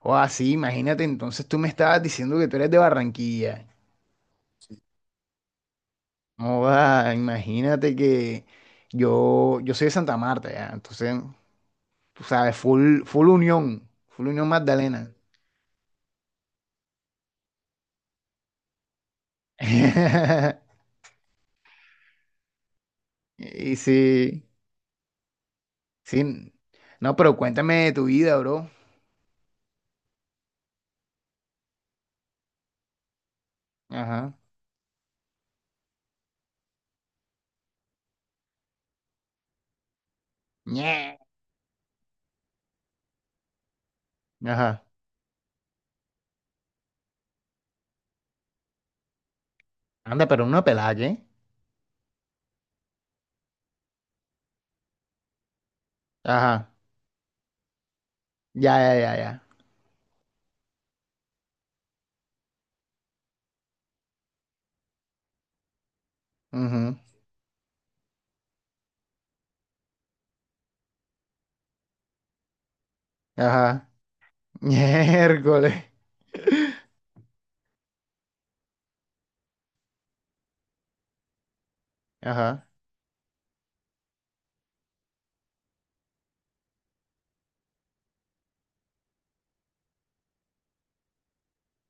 O así, imagínate, entonces tú me estabas diciendo que tú eres de Barranquilla. No va, imagínate que yo soy de Santa Marta, ya. Entonces, tú sabes, full unión Magdalena. Y sí, sí. No, pero cuéntame de tu vida, bro. Ajá. Ñe. Ajá. Anda, pero una pelada, ¿qué? Ajá. Ya, ya, ya, ya. Ujú. Ajá. Miércoles. Ajá.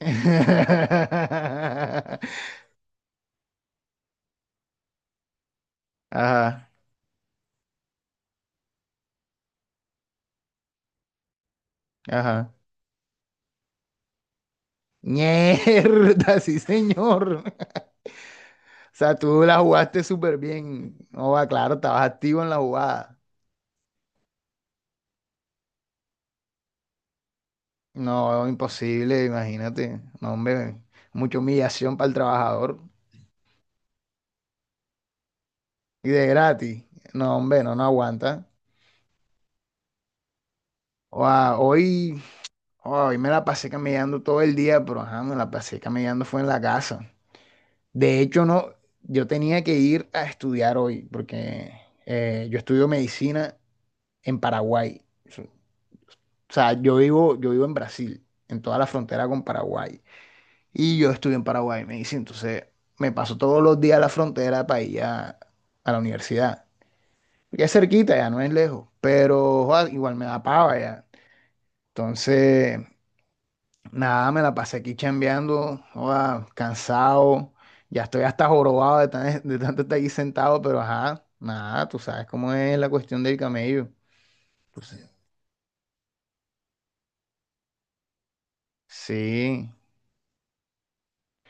Ajá, ajá. Mierda, sí, señor. O sea, tú la jugaste súper bien. No va, claro, estabas activo en la jugada. No, imposible, imagínate. No, hombre, mucha humillación para el trabajador. Y de gratis. No, hombre, no, no aguanta. Oa, hoy, hoy me la pasé caminando todo el día, pero ajá, me la pasé caminando fue en la casa. De hecho, no, yo tenía que ir a estudiar hoy, porque yo estudio medicina en Paraguay. O sea, yo vivo en Brasil, en toda la frontera con Paraguay. Y yo estudio en Paraguay, me dice. Entonces, me paso todos los días a la frontera para ir a la universidad. Ya es cerquita, ya no es lejos, pero joda, igual me da pava ya. Entonces, nada, me la pasé aquí chambeando, joda, cansado. Ya estoy hasta jorobado de tanto estar aquí sentado, pero ajá, nada, tú sabes cómo es la cuestión del camello. Sí. Sí,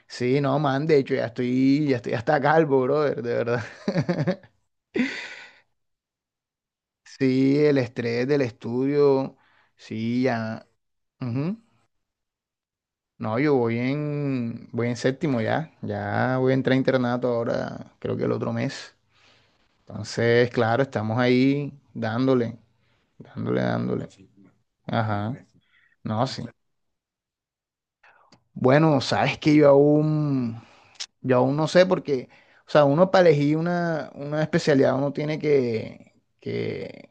sí, no, man, de hecho ya estoy hasta calvo, brother, de verdad. Sí, el estrés del estudio, sí, ya. Ujú. No, yo voy en séptimo ya, ya voy a entrar a internato ahora, creo que el otro mes. Entonces, claro, estamos ahí dándole, dándole, dándole. Sí, ajá, no, sí. Bueno, sabes que yo aún no sé porque, o sea, uno para elegir una especialidad uno tiene que, que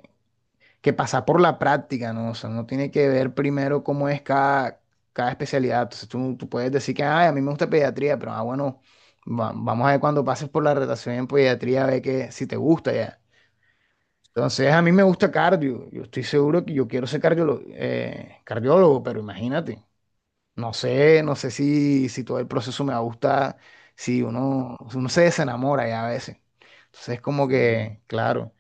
que pasar por la práctica, ¿no? O sea, no tiene que ver primero cómo es cada especialidad. Entonces tú puedes decir que, ay, a mí me gusta pediatría, pero ah, bueno, vamos a ver cuando pases por la rotación en pediatría, a ver que, si te gusta ya. Entonces a mí me gusta cardio. Yo estoy seguro que yo quiero ser cardiólogo, cardiólogo, pero imagínate. No sé si todo el proceso me va a gustar, si uno se desenamora ya a veces. Entonces es como que, claro.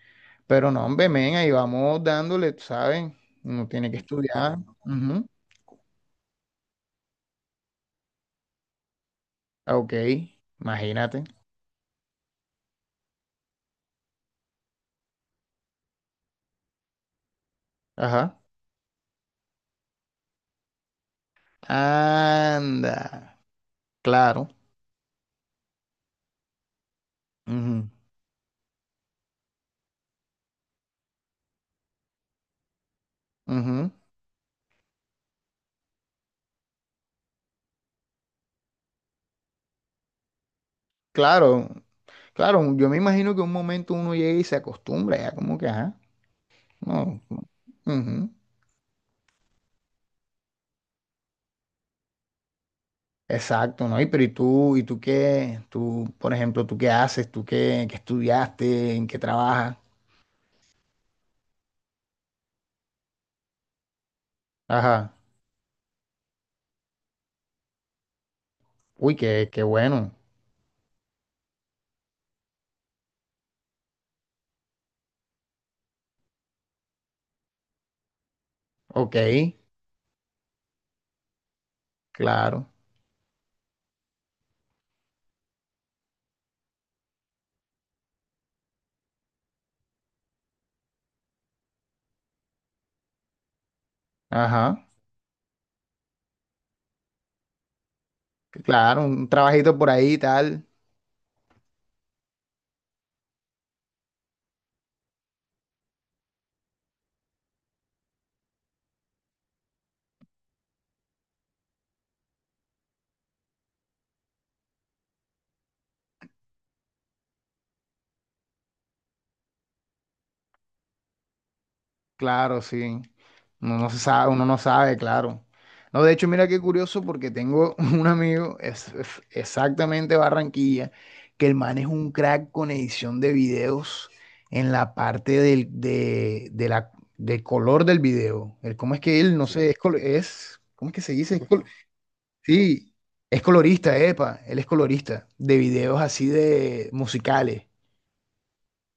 Pero no, hombre, men, ahí vamos dándole, tú ¿sabes? Uno tiene que estudiar. Ujú. Ah, OK, imagínate. Ajá. Anda, claro. Ujú, ujú. Claro, claro, yo me imagino que un momento uno llega y se acostumbra, ya como que, ajá, no. No. Ujú. Exacto, ¿no? Y pero ¿y tú qué? Tú, por ejemplo, ¿tú qué haces? ¿Tú qué estudiaste? ¿En qué trabajas? Ajá. Uy, qué bueno. OK, claro. Ajá. Claro, un trabajito por ahí y tal. Claro, sí. Uno no se sabe, uno no sabe, claro. No, de hecho, mira qué curioso porque tengo un amigo, es exactamente Barranquilla, que el man es un crack con edición de videos en la parte del, de la, del color del video. El, ¿cómo es que él? No sé, es, es, ¿cómo es que se dice? Sí, es colorista, epa, él es colorista de videos así de musicales.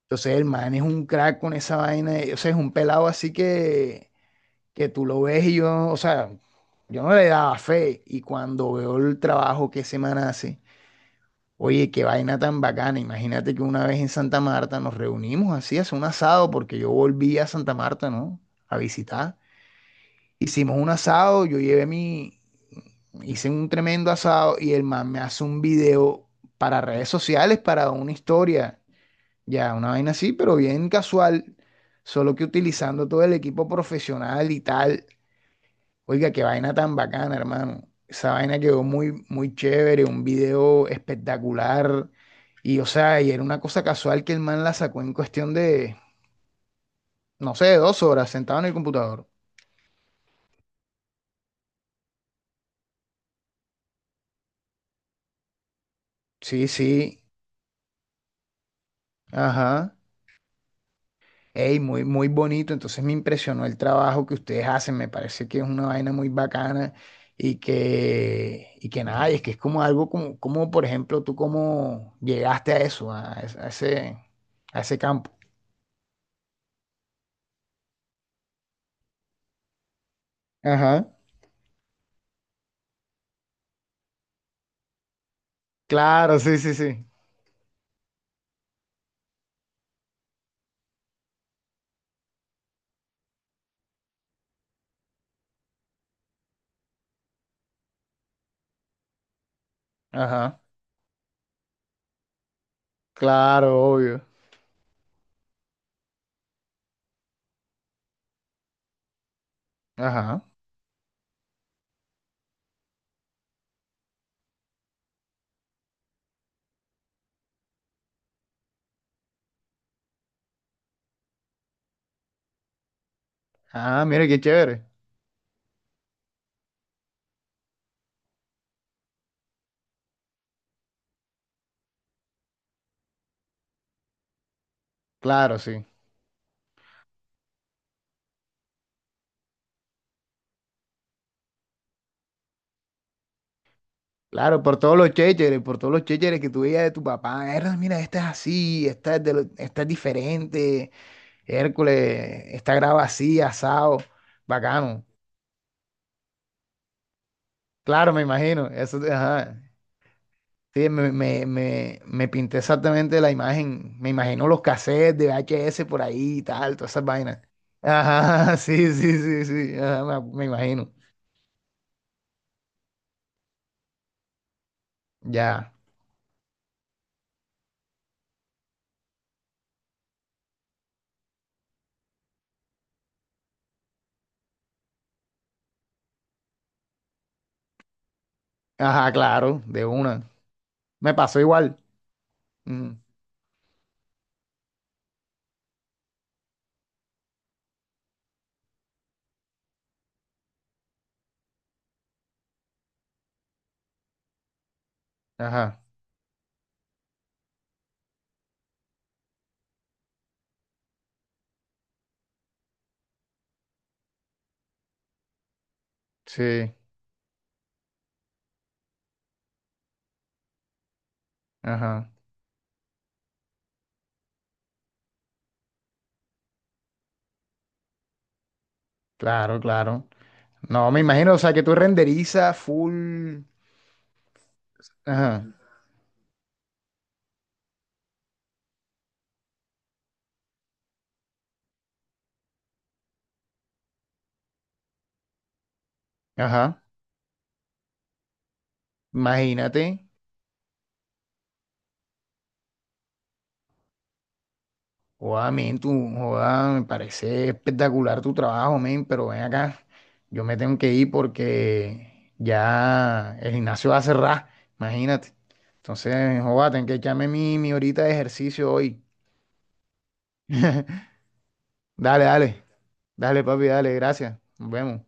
Entonces el man es un crack con esa vaina, y, o sea, es un pelado así que tú lo ves y yo, o sea, yo no le daba fe y cuando veo el trabajo que ese man hace, oye, qué vaina tan bacana, imagínate que una vez en Santa Marta nos reunimos así, hace un asado, porque yo volví a Santa Marta, ¿no? A visitar. Hicimos un asado, yo llevé mi, hice un tremendo asado y el man me hace un video para redes sociales, para una historia. Ya, una vaina así, pero bien casual, solo que utilizando todo el equipo profesional y tal. Oiga, qué vaina tan bacana, hermano. Esa vaina quedó muy, muy chévere, un video espectacular. Y, o sea, y era una cosa casual que el man la sacó en cuestión de, no sé, dos horas sentado en el computador. Sí, sí, ajá. Ey, muy, muy bonito. Entonces me impresionó el trabajo que ustedes hacen. Me parece que es una vaina muy bacana y que nada, y es que es como algo como, como, por ejemplo, tú cómo llegaste a eso, a, a ese campo. Ajá. Claro, sí, sí, sí. Ajá. Claro, obvio. Ajá. Ah, mire qué chévere. Claro, sí. Claro, por todos los chécheres, por todos los chécheres que tú veías de tu papá. "Erda, mira, esta es así, esta es, esta es diferente. Hércules, esta grava así, asado, bacano. Claro, me imagino. Eso, ajá. Sí, me pinté exactamente la imagen. Me imagino los cassettes de VHS por ahí y tal, todas esas vainas. Ajá, sí, sí, sí, sí. Ajá, me imagino. Ya. Ajá, claro, de una. Me pasó igual. Mm, ajá, sí. Ajá, claro, claro. No, me imagino, o sea, que tú renderizas full. Ajá, ajá. Imagínate. Joda, men, tú, joda, me parece espectacular tu trabajo, men, pero ven acá, yo me tengo que ir porque ya el gimnasio va a cerrar, imagínate. Entonces, joda, tengo que echarme mi horita de ejercicio hoy. Dale, dale, dale, papi, dale, gracias. Nos vemos.